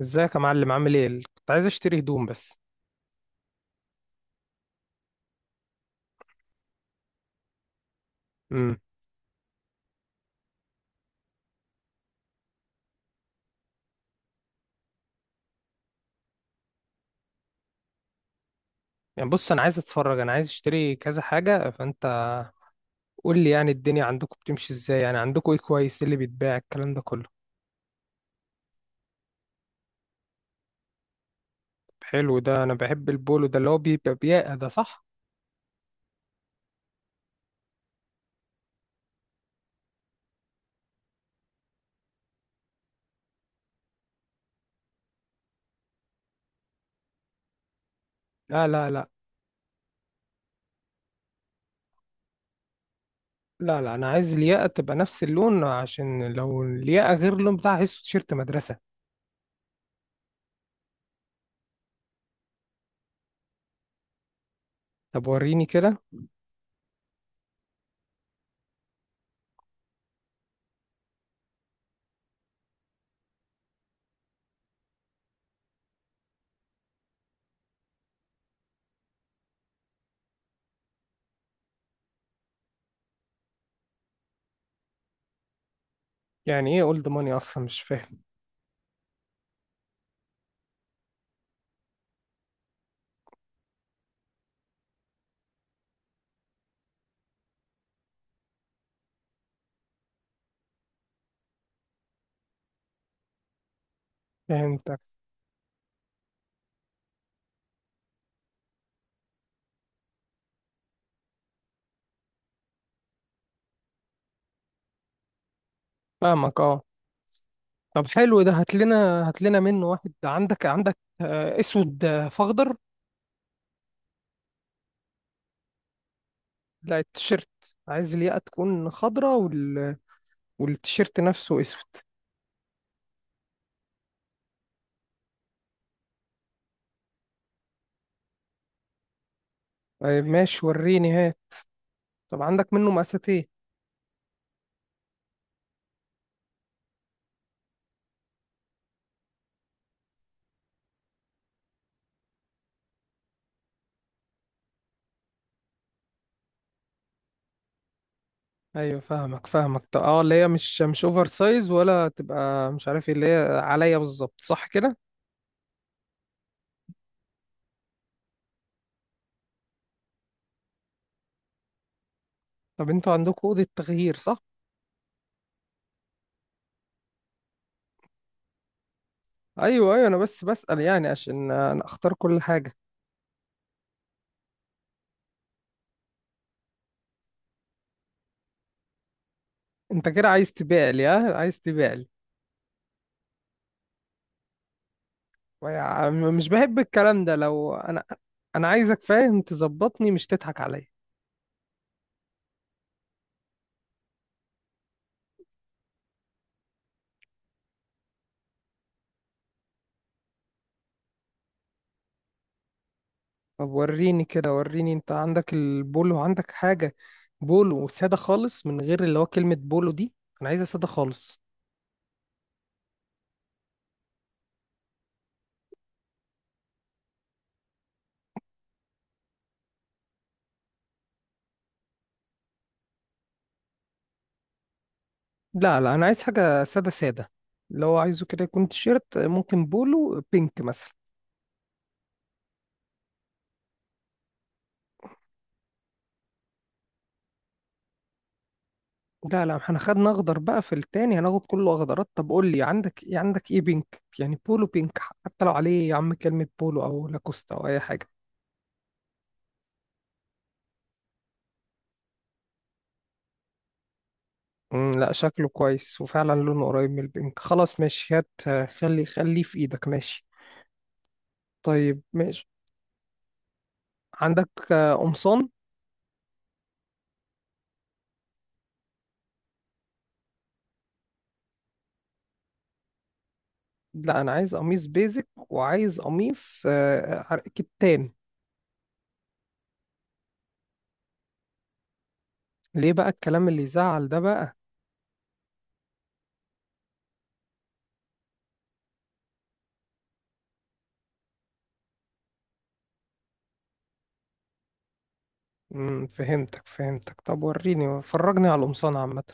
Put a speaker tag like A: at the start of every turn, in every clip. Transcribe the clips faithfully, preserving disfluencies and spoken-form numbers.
A: ازيك يا معلم؟ عامل ايه؟ كنت عايز اشتري هدوم بس. امم يعني بص، انا عايز اتفرج، انا عايز اشتري كذا حاجه، فانت قول لي يعني الدنيا عندكم بتمشي ازاي، يعني عندكم ايه كويس، إيه اللي بيتباع الكلام ده كله؟ طب حلو، ده انا بحب البولو ده اللي هو بيبقى بياقه، ده صح؟ لا لا لا، لا لا، انا عايز الياقه تبقى نفس اللون، عشان لو الياقه غير اللون بتاعها هيسو تيشيرت مدرسه. طب وريني كده. يعني ايه اولد ماني اصلا؟ مش فاهم. فهمتك، فاهمك، اه. طب حلو، ده هات لنا هات لنا منه واحد. عندك عندك آه، اسود آه، فاخضر؟ لا، التيشيرت. عايز الياقة تكون خضرة، وال... والتيشيرت نفسه اسود. طيب ماشي، وريني، هات. طب عندك منه مقاسات ايه؟ ايوه، فاهمك فاهمك. طب، اه، اللي هي مش مش اوفر سايز ولا تبقى، مش عارف ايه، اللي هي عليا بالظبط، صح كده؟ طب انتوا عندكم اوضه تغيير، صح؟ ايوه ايوه، انا بس بسأل، يعني عشان آه، انا اختار كل حاجه. انت كده عايز تبيع لي؟ ها؟ عايز تبيع. يا عم، مش بحب الكلام ده، لو انا. انا عايزك فاهم، تظبطني، مش تضحك عليا. طب وريني كده، وريني، انت عندك البولو؟ عندك حاجة بولو سادة خالص، من غير اللي هو كلمة بولو دي، انا عايزها سادة خالص. لا لا، انا عايز حاجة سادة سادة، اللي هو عايزه كده يكون تيشيرت، ممكن بولو بينك مثلا. لا لا، احنا خدنا اخضر، بقى في التاني هناخد كله اخضرات. طب قول لي عندك ايه، عندك ايه بينك، يعني بولو بينك، حتى لو عليه يا عم كلمة بولو او لاكوستا او اي حاجة. مم، لا، شكله كويس، وفعلا لونه قريب من البنك، خلاص ماشي. هات آه، خلي خليه في ايدك، ماشي. طيب ماشي. عندك آه، قمصان؟ لا، انا عايز قميص بيزك، وعايز قميص آه، عر- كتان. ليه بقى الكلام اللي يزعل ده بقى؟ مم، فهمتك فهمتك. طب وريني، فرجني على القمصان عامة.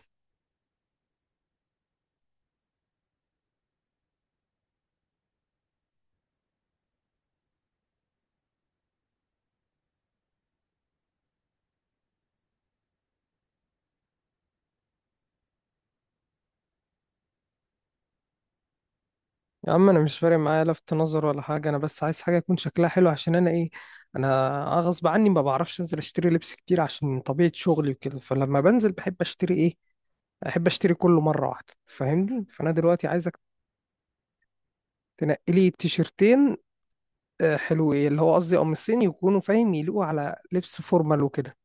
A: يا عم، انا مش فارق معايا لفت نظر ولا حاجة، انا بس عايز حاجة يكون شكلها حلو، عشان انا ايه، انا غصب عني ما بعرفش انزل اشتري لبس كتير، عشان طبيعة شغلي وكده، فلما بنزل بحب اشتري ايه، احب اشتري كله مره واحده، فاهمني. فانا دلوقتي عايزك تنقي لي تيشرتين آه، حلوين، اللي هو قصدي قميصين، يكونوا فاهم يليقوا على لبس فورمال وكده.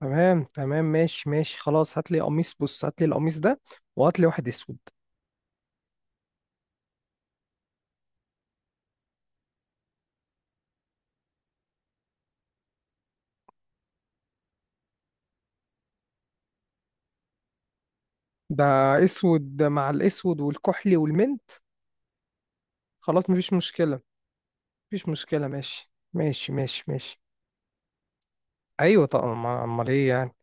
A: تمام تمام، ماشي ماشي، خلاص. هات لي قميص، بص، هات لي القميص ده، وهات لي واحد اسود. ده؟ اسود مع الاسود والكحلي والمنت؟ خلاص، مفيش مشكله، مفيش مشكله، ماشي ماشي ماشي ماشي. ايوه. طب أما- امال ايه يعني؟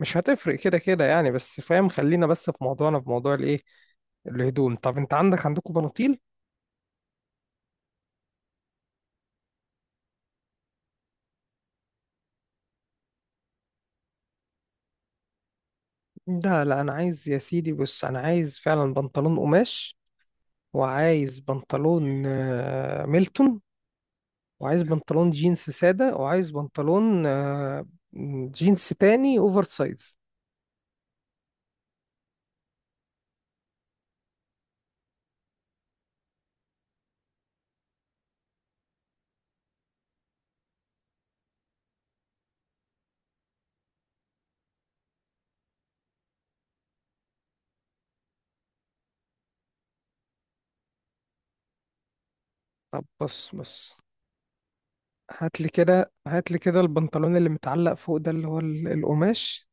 A: مش هتفرق كده كده يعني، بس فاهم، خلينا بس في موضوعنا، في موضوع الايه، الهدوم. طب انت عندك عندكم بناطيل؟ لا لا، انا عايز يا سيدي، بص، انا عايز فعلا بنطلون قماش، وعايز بنطلون آه، ميلتون، وعايز بنطلون جينز سادة، وعايز بنطلون آه، جينز تاني اوفر سايز. طب، بص بص، هات لي كده، هات لي كده البنطلون اللي متعلق فوق ده اللي هو ال- القماش.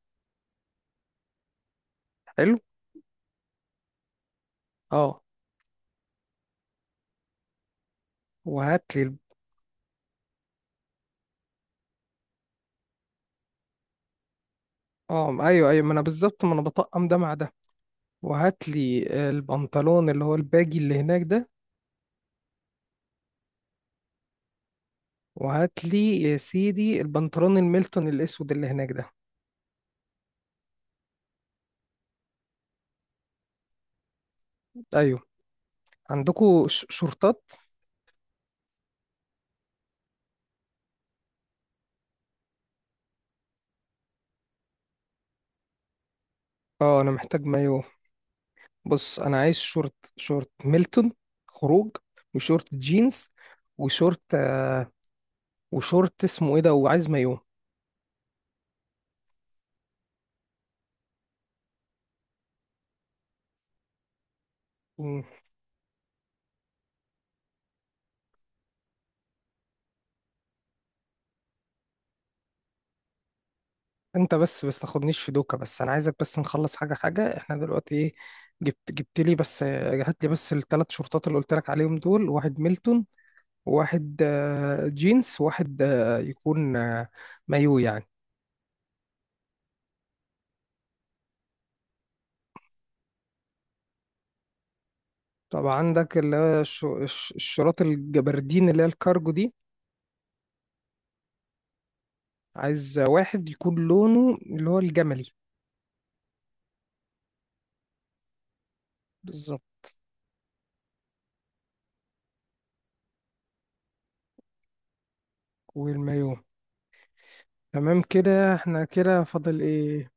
A: حلو، اه. وهات لي. اه، ايوه ايوه، ما انا بالظبط، ما انا بطقم ده مع ده. وهات لي آه، البنطلون اللي هو الباجي اللي هناك ده. وهات لي يا سيدي البنطلون الميلتون الاسود اللي هناك ده. ايوه. عندكو ش- شورتات؟ اه، انا محتاج مايو. بص، انا عايز شورت شورت ميلتون خروج، وشورت جينز، وشورت وشورت اسمه ايه ده، وعايز مايو. مم. انت بس بس تاخدنيش في دوكا، بس انا عايزك بس نخلص حاجه حاجه. احنا دلوقتي ايه، جبت جبت لي بس، هات لي بس الثلاث شورتات اللي قلت لك عليهم دول: واحد ميلتون، وواحد آه، جينز، وواحد آه، يكون آه، مايو يعني. طب عندك اللي هو الش- الش- الشراط الجبردين اللي هي الكارجو دي؟ عايز واحد يكون لونه اللي هو الجملي. بالظبط. والمايو. تمام كده، احنا كده فاضل ايه؟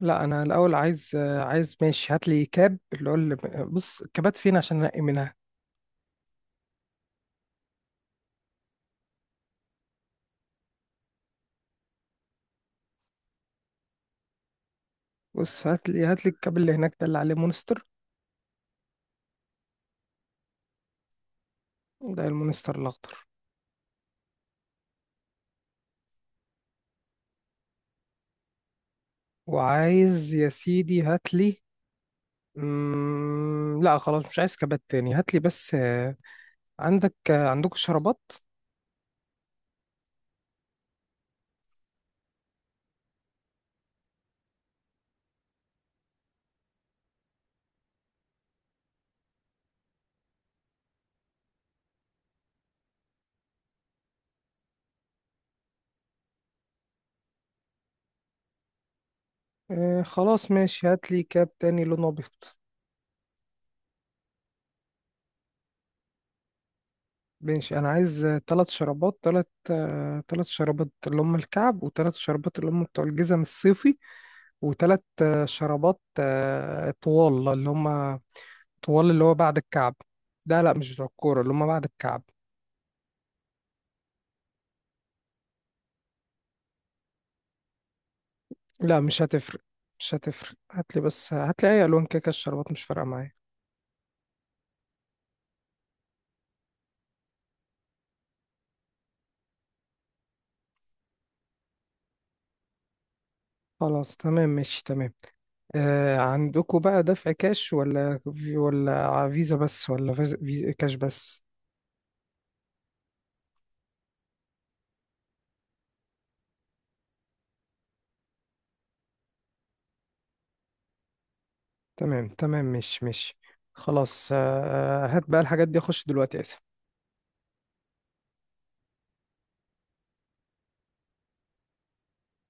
A: لا، انا الاول عايز عايز ماشي. هات لي كاب اللي هو اللي بص، الكابات فين عشان انقي منها؟ بص، هات لي هات لي الكاب اللي هناك ده اللي عليه مونستر. ده المونستر الاخضر. وعايز يا سيدي، هات لي. مم... لا خلاص، مش عايز كابات تاني. هات لي بس، آه، عندك آه، عندكم شرابات؟ آه، خلاص ماشي، هات لي كاب تاني لونه ابيض. ماشي، انا عايز ثلاث شرابات، ثلاث ثلاث شرابات اللي هم الكعب، وثلاث شرابات اللي هم بتوع الجزم الصيفي، وثلاث شرابات آه، طوال اللي هم طوال اللي هو بعد الكعب. لا لا، مش بتوع الكورة، اللي هم بعد الكعب. لا، مش هتفرق، مش هتفرق، هات لي بس، هات لي اي الوان كيكه، الشرابات مش فارقه معايا. خلاص تمام ماشي تمام. آه، عندكم بقى دفع كاش ولا، ولا فيزا بس، ولا فيزا فيزا- كاش بس؟ تمام تمام، مش مش، خلاص آه، آه، هات بقى الحاجات دي، اخش دلوقتي، اسف.